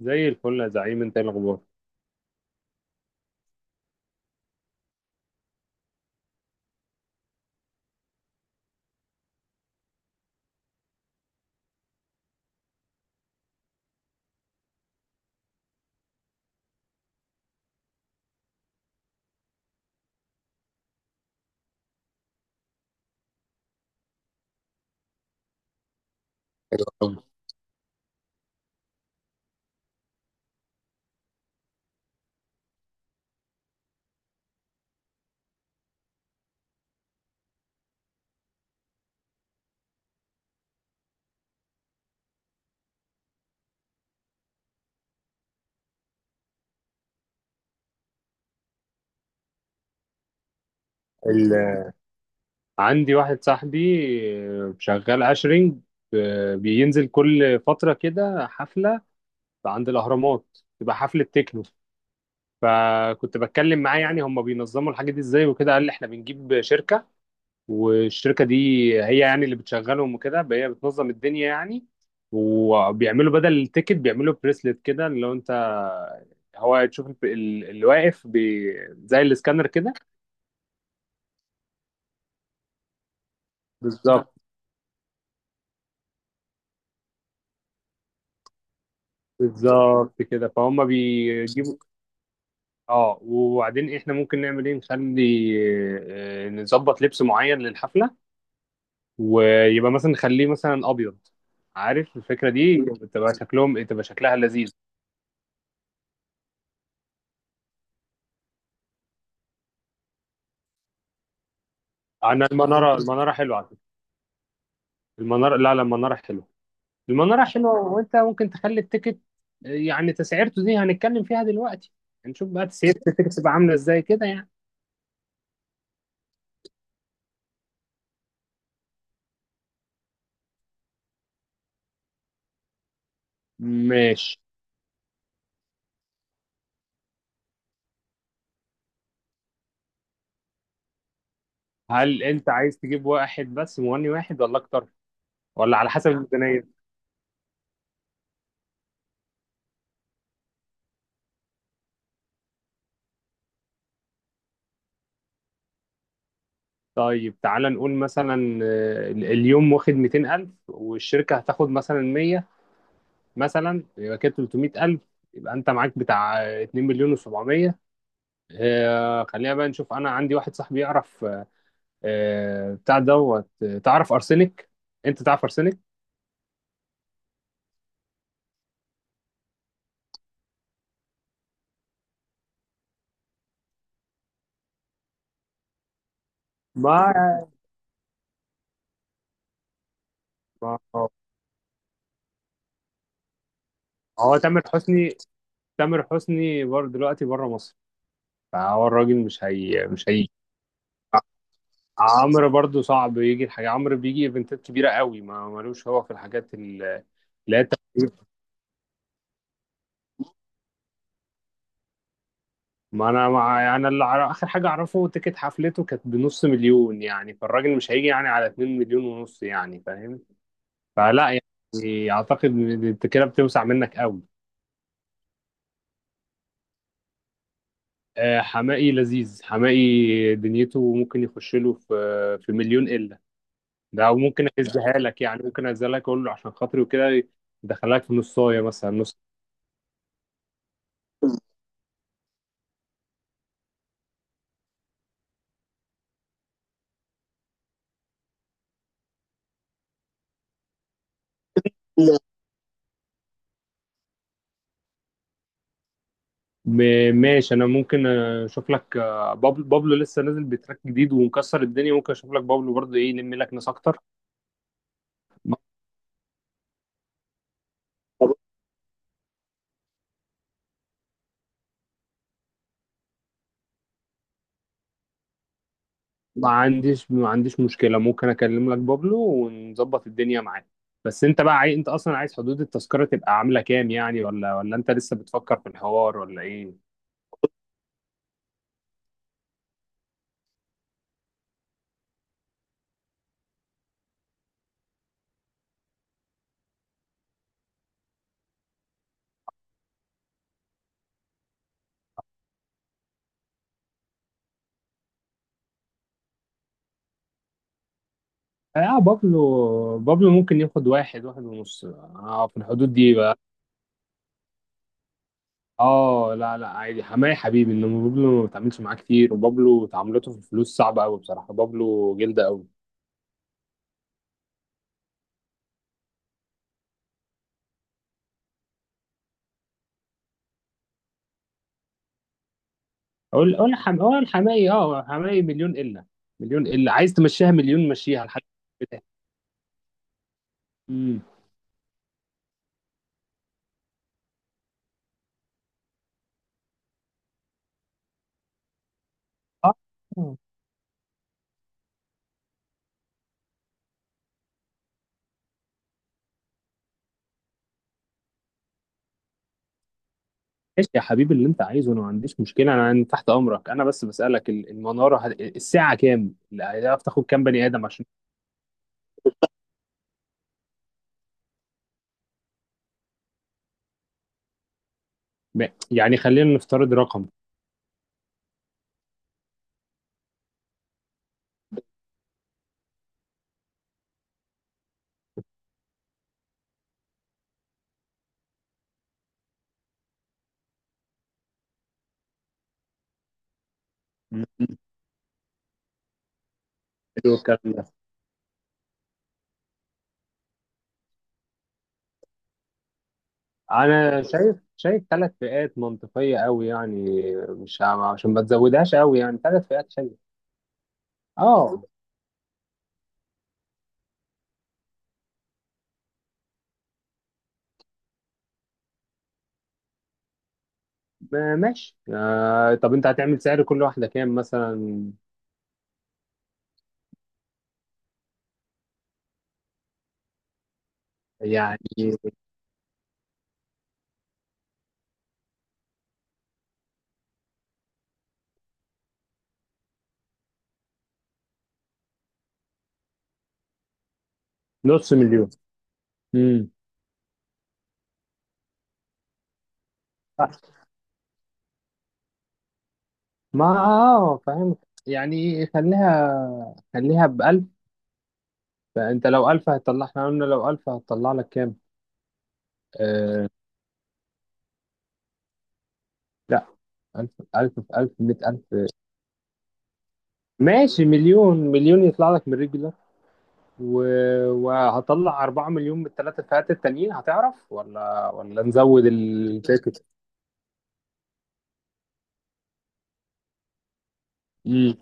زي الفل يا زعيم، انت ايه الاخبار؟ حلو أوي. ال- عندي واحد صاحبي، شغال عشرينج، بينزل كل فترة كده حفلة عند الأهرامات، تبقى حفلة تكنو. فكنت بتكلم معاه، يعني هم بينظموا الحاجة دي ازاي وكده، قال لي احنا بنجيب شركة. والشركة دي هي يعني اللي بتشغلهم وكده، هي بتنظم الدنيا يعني. وبيعملوا بدل التيكت بيعملوا بريسلت كده، اللي هو انت هو تشوف اللي واقف زي السكانر كده. بالظبط. بالظبط كده، فهم بيجيبوا. اه، وبعدين احنا ممكن نعمل ايه، نخلي، نظبط لبس معين للحفله، ويبقى مثلا نخليه مثلا ابيض. عارف الفكره دي بتبقى شكلهم، تبقى شكلها لذيذ. انا المناره حلوه على فكره. المناره، لا لا، المناره حلوه. المناره حلوه، وانت ممكن تخلي التيكت، يعني تسعيرته دي هنتكلم فيها دلوقتي. هنشوف بقى تسعيره التيكت تبقى عامله ازاي كده يعني. ماشي. هل انت عايز تجيب واحد بس، مغني واحد، ولا اكتر، ولا على حسب الميزانية؟ طيب تعالى نقول مثلا، اليوم واخد 200000، والشركة هتاخد مثلا 100، مثلا يبقى كده 300000، يبقى انت معاك بتاع 2 مليون و700. خلينا بقى نشوف، انا عندي واحد صاحبي يعرف، بتاع دوت، تعرف ارسنك؟ انت تعرف ارسنك. ما ما- هو تامر حسني، تامر حسني برضه دلوقتي بره مصر، فهو الراجل مش هيجي. عمرو برضو صعب يجي، الحاجة عمرو بيجي ايفنتات كبيرة قوي، ما ملوش هو في الحاجات اللي هي التقريب. ما انا مع يعني اخر حاجة اعرفه تيكت حفلته كانت بنص مليون، يعني فالراجل مش هيجي يعني على 2 مليون ونص، يعني فاهم. فلا يعني اعتقد إن انت كده بتوسع منك قوي. حماقي لذيذ، حماقي دنيته ممكن يخش له في مليون الا. ده وممكن اهزها لك يعني، ممكن اهزها لك، اقول له عشان خاطري وكده، يدخلك في نصايه مثلا نص. ماشي، انا ممكن اشوف لك بابلو لسه نازل بتراك جديد ومكسر الدنيا، ممكن اشوف لك بابلو برضه ايه يلم لك ناس اكتر. ما ما عنديش مشكله، ممكن اكلم لك بابلو، ونظبط الدنيا معاه. بس انت بقى انت اصلا عايز حدود التذكره تبقى عامله كام يعني، ولا انت لسه بتفكر في الحوار ولا ايه؟ اه، بابلو ممكن ياخد واحد، واحد ونص. اه، في الحدود دي. اه، لا لا، عادي، حماية حبيبي، انما بابلو ما بتعاملش معاه كتير، وبابلو تعاملاته في الفلوس صعبة قوي، بصراحة بابلو جلدة قوي. اقول اه الحماية اه حماية مليون الا. مليون الا، عايز تمشيها مليون؟ مشيها لحد البداية. امم. اه، ماشي يا حبيبي، اللي انت عايزه انا ما عنديش مشكلة، انا تحت امرك، انا بس بسألك المنارة الساعة كام؟ لا، هتعرف تاخد كام بني ادم عشان يعني خلينا نفترض رقم. مم. حلو الكلام ده. انا شايف ثلاث فئات منطقيه قوي يعني، مش ه- عشان ما تزودهاش قوي يعني، ثلاث فئات شايف. اه، ماشي، طب انت هتعمل سعر كل واحده كام مثلا. يعني نص مليون. امم ما اه فاهم. يعني خليها ب 1000. فانت لو 1000 هتطلع، احنا قلنا لو 1000 هتطلع لك كام؟ آه لا، 1000، 1000 في 1000، 100000. ماشي، مليون، مليون يطلع لك من رجل، و... وهطلع 4 مليون من الثلاث فئات التانيين، هتعرف؟ ولا نزود التيكت؟ امم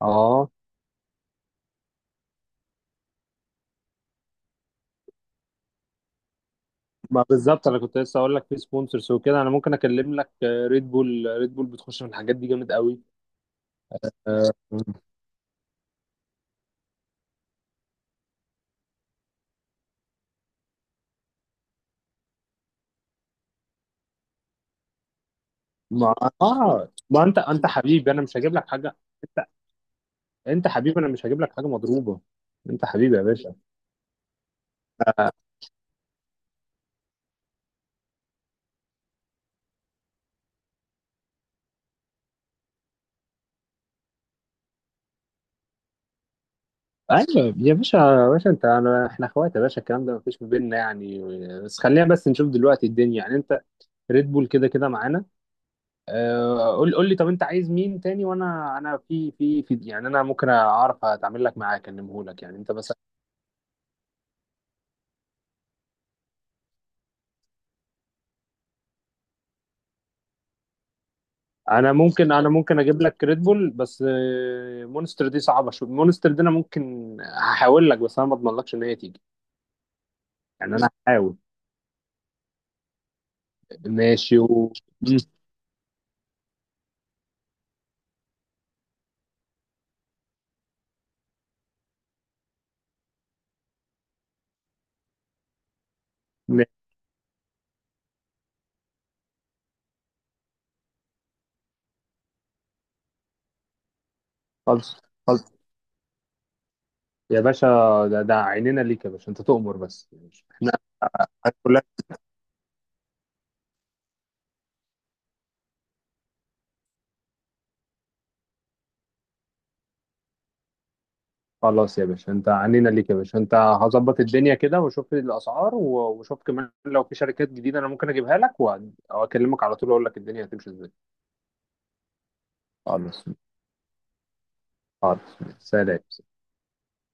اه، ما بالظبط، انا كنت لسه اقول لك في سبونسرز وكده، انا ممكن اكلم لك ريد بول، ريد بول بتخش في الحاجات دي جامد قوي. آه، ما اه ما انت، انت حبيبي، انا مش هجيب لك حاجه. انت انت حبيبي، انا مش هجيب لك حاجه مضروبه. انت حبيبي يا باشا. آه، ايوه يا باشا، يا باشا انت انا احنا اخوات يا باشا، الكلام ده مفيش ما بيننا يعني. بس خلينا بس نشوف دلوقتي الدنيا، يعني انت ريد بول كده كده معانا. قول لي طب، انت عايز مين تاني؟ وانا، انا في في في يعني انا ممكن اعرف اتعامل لك معاه، اكلمه لك يعني انت مثلا. انا ممكن اجيب لك ريد بول، بس مونستر دي صعبه شويه، مونستر دي انا ممكن هحاول لك، بس انا ما اضمنلكش ان هي تيجي. يعني انا هحاول. ماشي، مم، ماشي. خلص، خلص يا باشا، ده عينينا ليك يا باشا، انت تؤمر بس. احنا خلاص يا باشا، انت عنينا ليك يا باشا، انت هظبط الدنيا كده وشوف الاسعار، وشوف كمان لو في شركات جديده انا ممكن اجيبها لك، واكلمك على طول، اقول لك الدنيا هتمشي ازاي. خلاص، خلاص، سلام.